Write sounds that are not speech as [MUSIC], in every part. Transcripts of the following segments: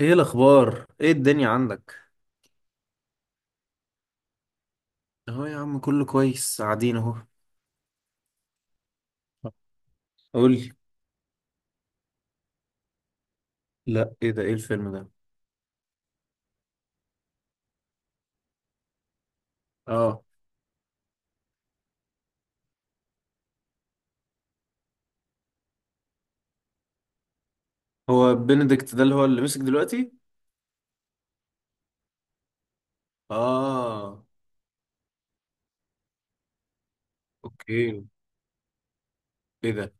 ايه الاخبار؟ ايه الدنيا عندك؟ اهو يا عم كله كويس، قاعدين اهو. قولي. لا، ايه ده؟ ايه الفيلم ده؟ اه. هو بنديكت ده اللي هو اللي مسك دلوقتي؟ اه. اوكي. ايه ده؟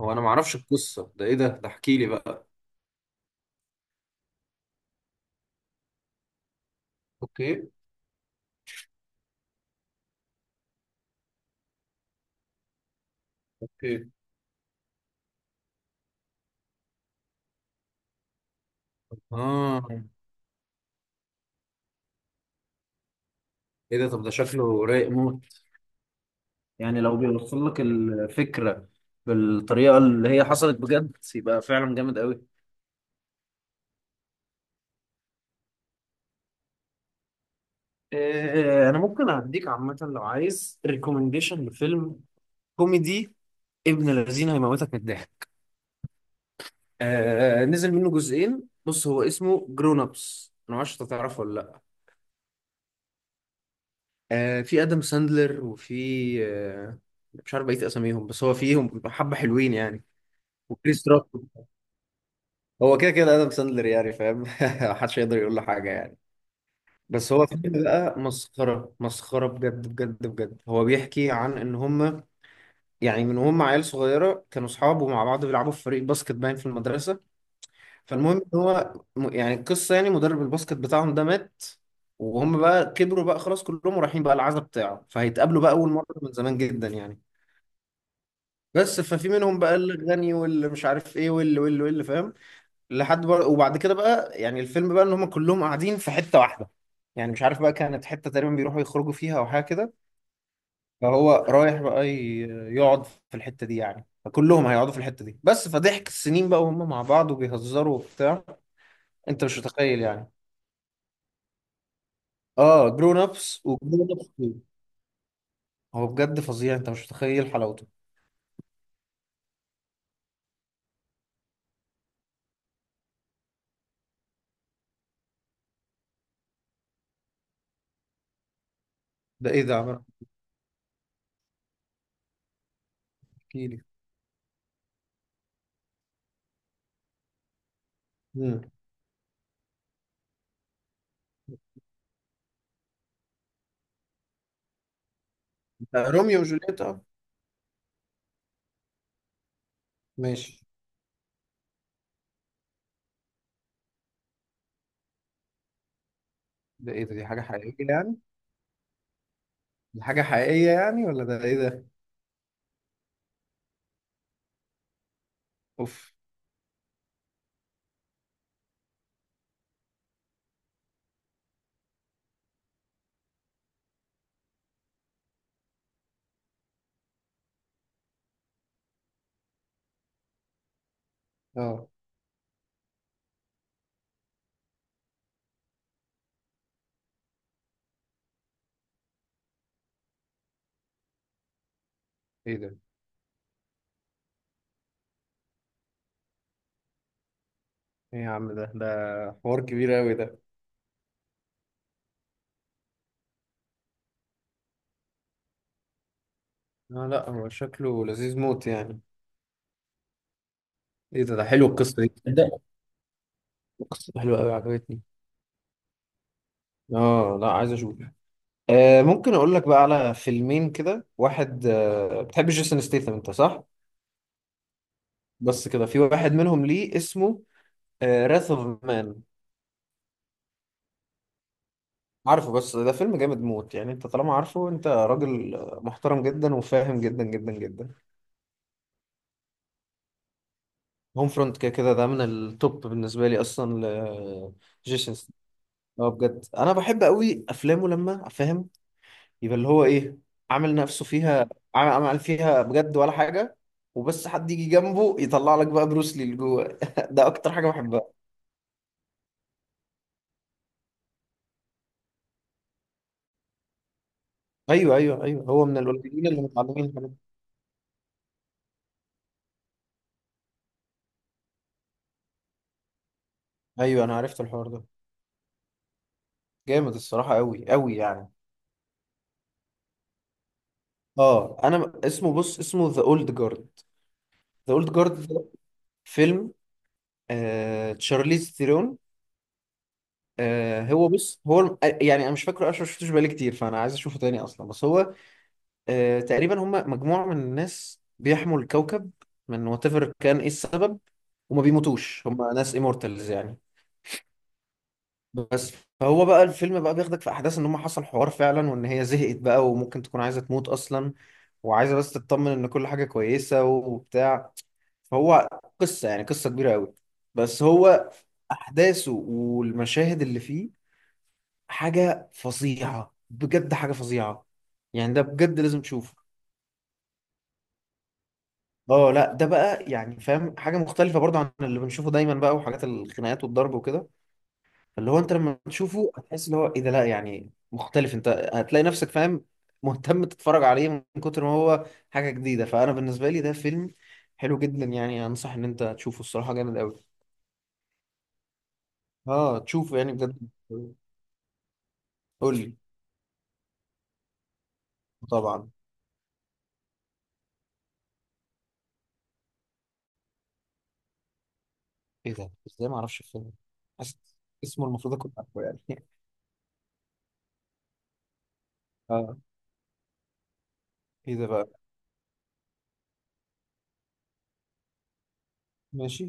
هو انا معرفش القصة ده، ايه ده احكي لي بقى. اوكي. اوكي. اه. ايه ده؟ طب ده شكله رايق موت. يعني لو بيوصل لك الفكرة بالطريقة اللي هي حصلت بجد، يبقى فعلا جامد قوي. إيه، انا ممكن اديك عامة لو عايز ريكومنديشن لفيلم كوميدي ابن الذين، هيموتك من الضحك. آه، نزل منه جزئين. بص، هو اسمه جرون ابس، انا ما اعرفش انت تعرفه ولا لا. آه، في ادم ساندلر وفي آه، مش عارف بقيه اساميهم، بس هو فيهم حبه حلوين يعني. وكريس روك. هو كده كده ادم ساندلر، يعني فاهم؟ [LAUGHS] محدش يقدر يقول له حاجه يعني. بس هو فيلم بقى مسخره مسخره، بجد بجد بجد. هو بيحكي عن ان هم يعني من هم عيال صغيره كانوا اصحاب ومع بعض بيلعبوا في فريق باسكت باين في المدرسه. فالمهم ان هو يعني القصه، يعني مدرب الباسكت بتاعهم ده مات، وهم بقى كبروا بقى خلاص كلهم ورايحين بقى العزا بتاعه، فهيتقابلوا بقى اول مره من زمان جدا يعني. بس ففي منهم بقى الغني، واللي مش عارف ايه، واللي فاهم. لحد بقى، وبعد كده بقى يعني الفيلم بقى ان هم كلهم قاعدين في حته واحده، يعني مش عارف بقى، كانت حته تقريبا بيروحوا يخرجوا فيها او حاجه كده. فهو رايح بقى يقعد في الحته دي يعني، فكلهم هيقعدوا في الحته دي. بس فضحك السنين بقى، وهم مع بعض وبيهزروا وبتاع. انت مش متخيل يعني. اه، جرون ابس وجرون ابس 2. هو بجد فظيع، انت مش متخيل حلاوته. ده ايه ده يا عمر؟ احكي لي. مم. ده روميو وجولييت، اه. ماشي. ده ايه ده؟ دي حاجة حقيقية يعني؟ دي حاجة حقيقية يعني ولا ده ايه ده؟ اوف. اه. ايه ده؟ ايه يا عم ده؟ ده حوار كبير قوي ده. لا لا، هو شكله لذيذ موت يعني. ايه ده؟ ده حلو، القصة دي ده. القصة دي حلوة قوي، عجبتني. اه لا، عايز اشوف. آه، ممكن اقول لك بقى على فيلمين كده. واحد، آه، بتحب جيسون ستيثم انت صح؟ بس كده في واحد منهم ليه اسمه راث اوف مان. عارفه، بس ده فيلم جامد موت يعني. انت طالما عارفه، انت راجل آه، محترم جدا وفاهم جدا جدا جدا. هوم فرونت كده كده ده من التوب بالنسبه لي اصلا ل جيسون ستاثام. اه بجد، انا بحب قوي افلامه لما فاهم يبقى اللي هو ايه، عامل نفسه فيها. عامل فيها بجد ولا حاجه. وبس حد يجي جنبه يطلع لك بقى بروس لي اللي جوه. [LAUGHS] ده اكتر حاجه بحبها. ايوه ايوه ايوه، هو من القليلين اللي متعلمين الحاجات دي. ايوه، انا عرفت الحوار ده. جامد الصراحة، أوي أوي يعني. اه، انا اسمه بص، اسمه ذا اولد جارد. ذا اولد جارد ده فيلم آه تشارليز ثيرون. آه، هو بص هو آه، يعني انا مش فاكره اصلا، ما شفتوش بقالي كتير، فانا عايز اشوفه تاني اصلا. بس هو آه، تقريبا هم مجموعة من الناس بيحموا الكوكب من وات ايفر كان ايه السبب، وما بيموتوش، هم ناس immortals يعني. بس فهو بقى الفيلم بقى بياخدك في احداث ان هم حصل حوار فعلا، وان هي زهقت بقى وممكن تكون عايزة تموت اصلا، وعايزه بس تطمن ان كل حاجه كويسه وبتاع. فهو قصه يعني، قصه كبيره قوي. بس هو احداثه والمشاهد اللي فيه حاجه فظيعه بجد، حاجه فظيعه. يعني ده بجد لازم تشوفه. اه لا، ده بقى يعني فاهم حاجه مختلفه برضه عن اللي بنشوفه دايما بقى، وحاجات الخناقات والضرب وكده. فاللي هو انت لما تشوفه هتحس اللي هو ايه ده، لا يعني مختلف. انت هتلاقي نفسك فاهم، مهتم تتفرج عليه من كتر ما هو حاجة جديدة. فانا بالنسبة لي ده فيلم حلو جدا يعني، انصح ان انت تشوفه الصراحة، جامد قوي. اه تشوفه يعني بجد. قول لي. طبعا. ايه ده؟ ازاي ما اعرفش الفيلم ده؟ حاسس اسمه المفروض اكون عارفه يعني. [LAUGHS] اه. ايه ده بقى؟ ماشي.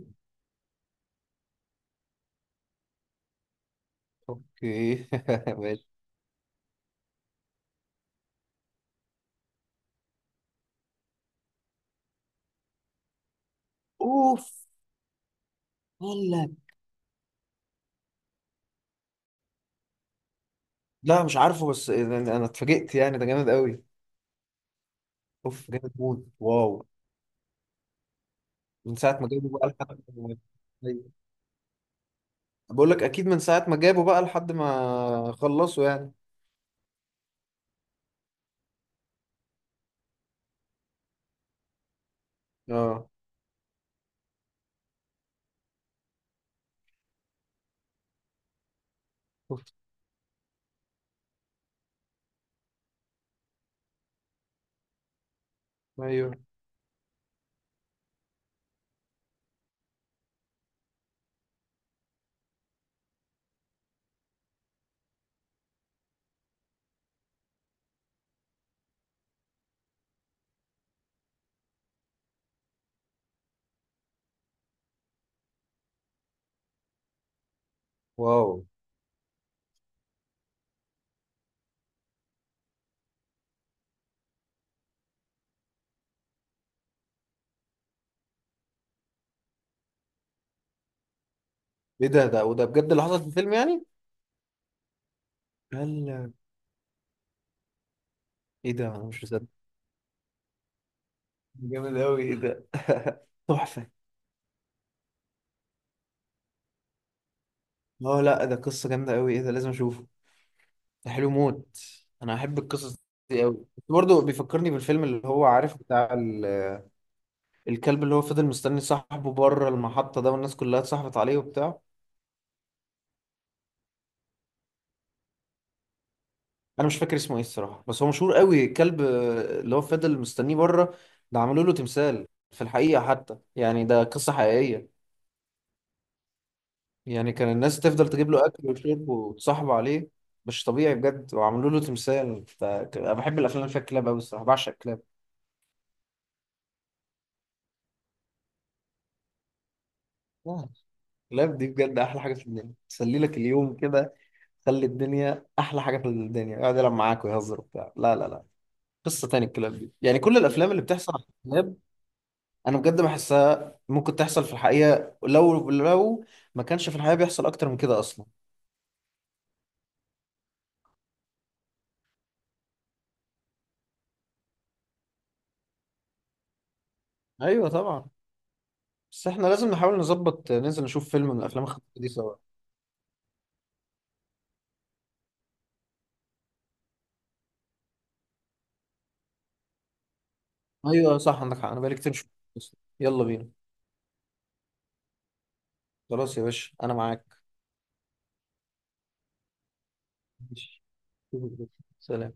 اوكي. [LAUGHS] ماشي. اوف. قال لك. لا مش عارفه، بس انا أنا اتفاجئت يعني، ده جامد قوي. اوف، جامد موت، واو. من ساعة ما جابوا بقى لحد ما- أيوة. بقول لك أكيد، من ساعة ما جابوا بقى لحد ما خلصوا يعني. اه. شفت. أيوه. واو. إيه ده؟ ده وده بجد اللي حصل في الفيلم يعني؟ هلا. إيه ده؟ أنا مش مصدق. جامد أوي، إيه ده؟ [LAUGHS] تحفة. اه لا، ده قصة جامدة أوي. إيه ده؟ لازم أشوفه. ده حلو موت. أنا أحب القصص دي أوي. برضه بيفكرني بالفيلم اللي هو عارف بتاع الكلب، اللي هو فضل مستني صاحبه بره المحطة ده، والناس كلها اتصاحبت عليه وبتاع. انا مش فاكر اسمه ايه الصراحه، بس هو مشهور قوي. كلب آه، اللي هو فضل مستنيه بره. ده عملوا له تمثال في الحقيقه حتى يعني، ده قصه حقيقيه. يعني كان الناس تفضل تجيب له اكل وشرب وتصاحبه عليه، مش طبيعي بجد. وعملوا له تمثال. انا بحب الافلام اللي فيها كلاب قوي الصراحه، بعشق الكلاب. آه، الكلاب دي بجد احلى حاجه في الدنيا، تسلي لك اليوم كده، خلي الدنيا احلى حاجه في الدنيا، يقعد يلعب معاك ويهزر وبتاع. لا لا لا، قصه تاني الكلاب دي يعني. كل الافلام اللي بتحصل على الكلاب انا بجد بحسها ممكن تحصل في الحقيقه، لو ما كانش في الحقيقه بيحصل اكتر من كده اصلا. ايوه طبعا. بس احنا لازم نحاول نظبط ننزل نشوف فيلم من الافلام الخفيفه دي سوا. ايوه صح، عندك حق، انا بقالي كتير مش شفته أصلاً. يلا بينا. خلاص يا باشا، انا معاك. ماشي. سلام.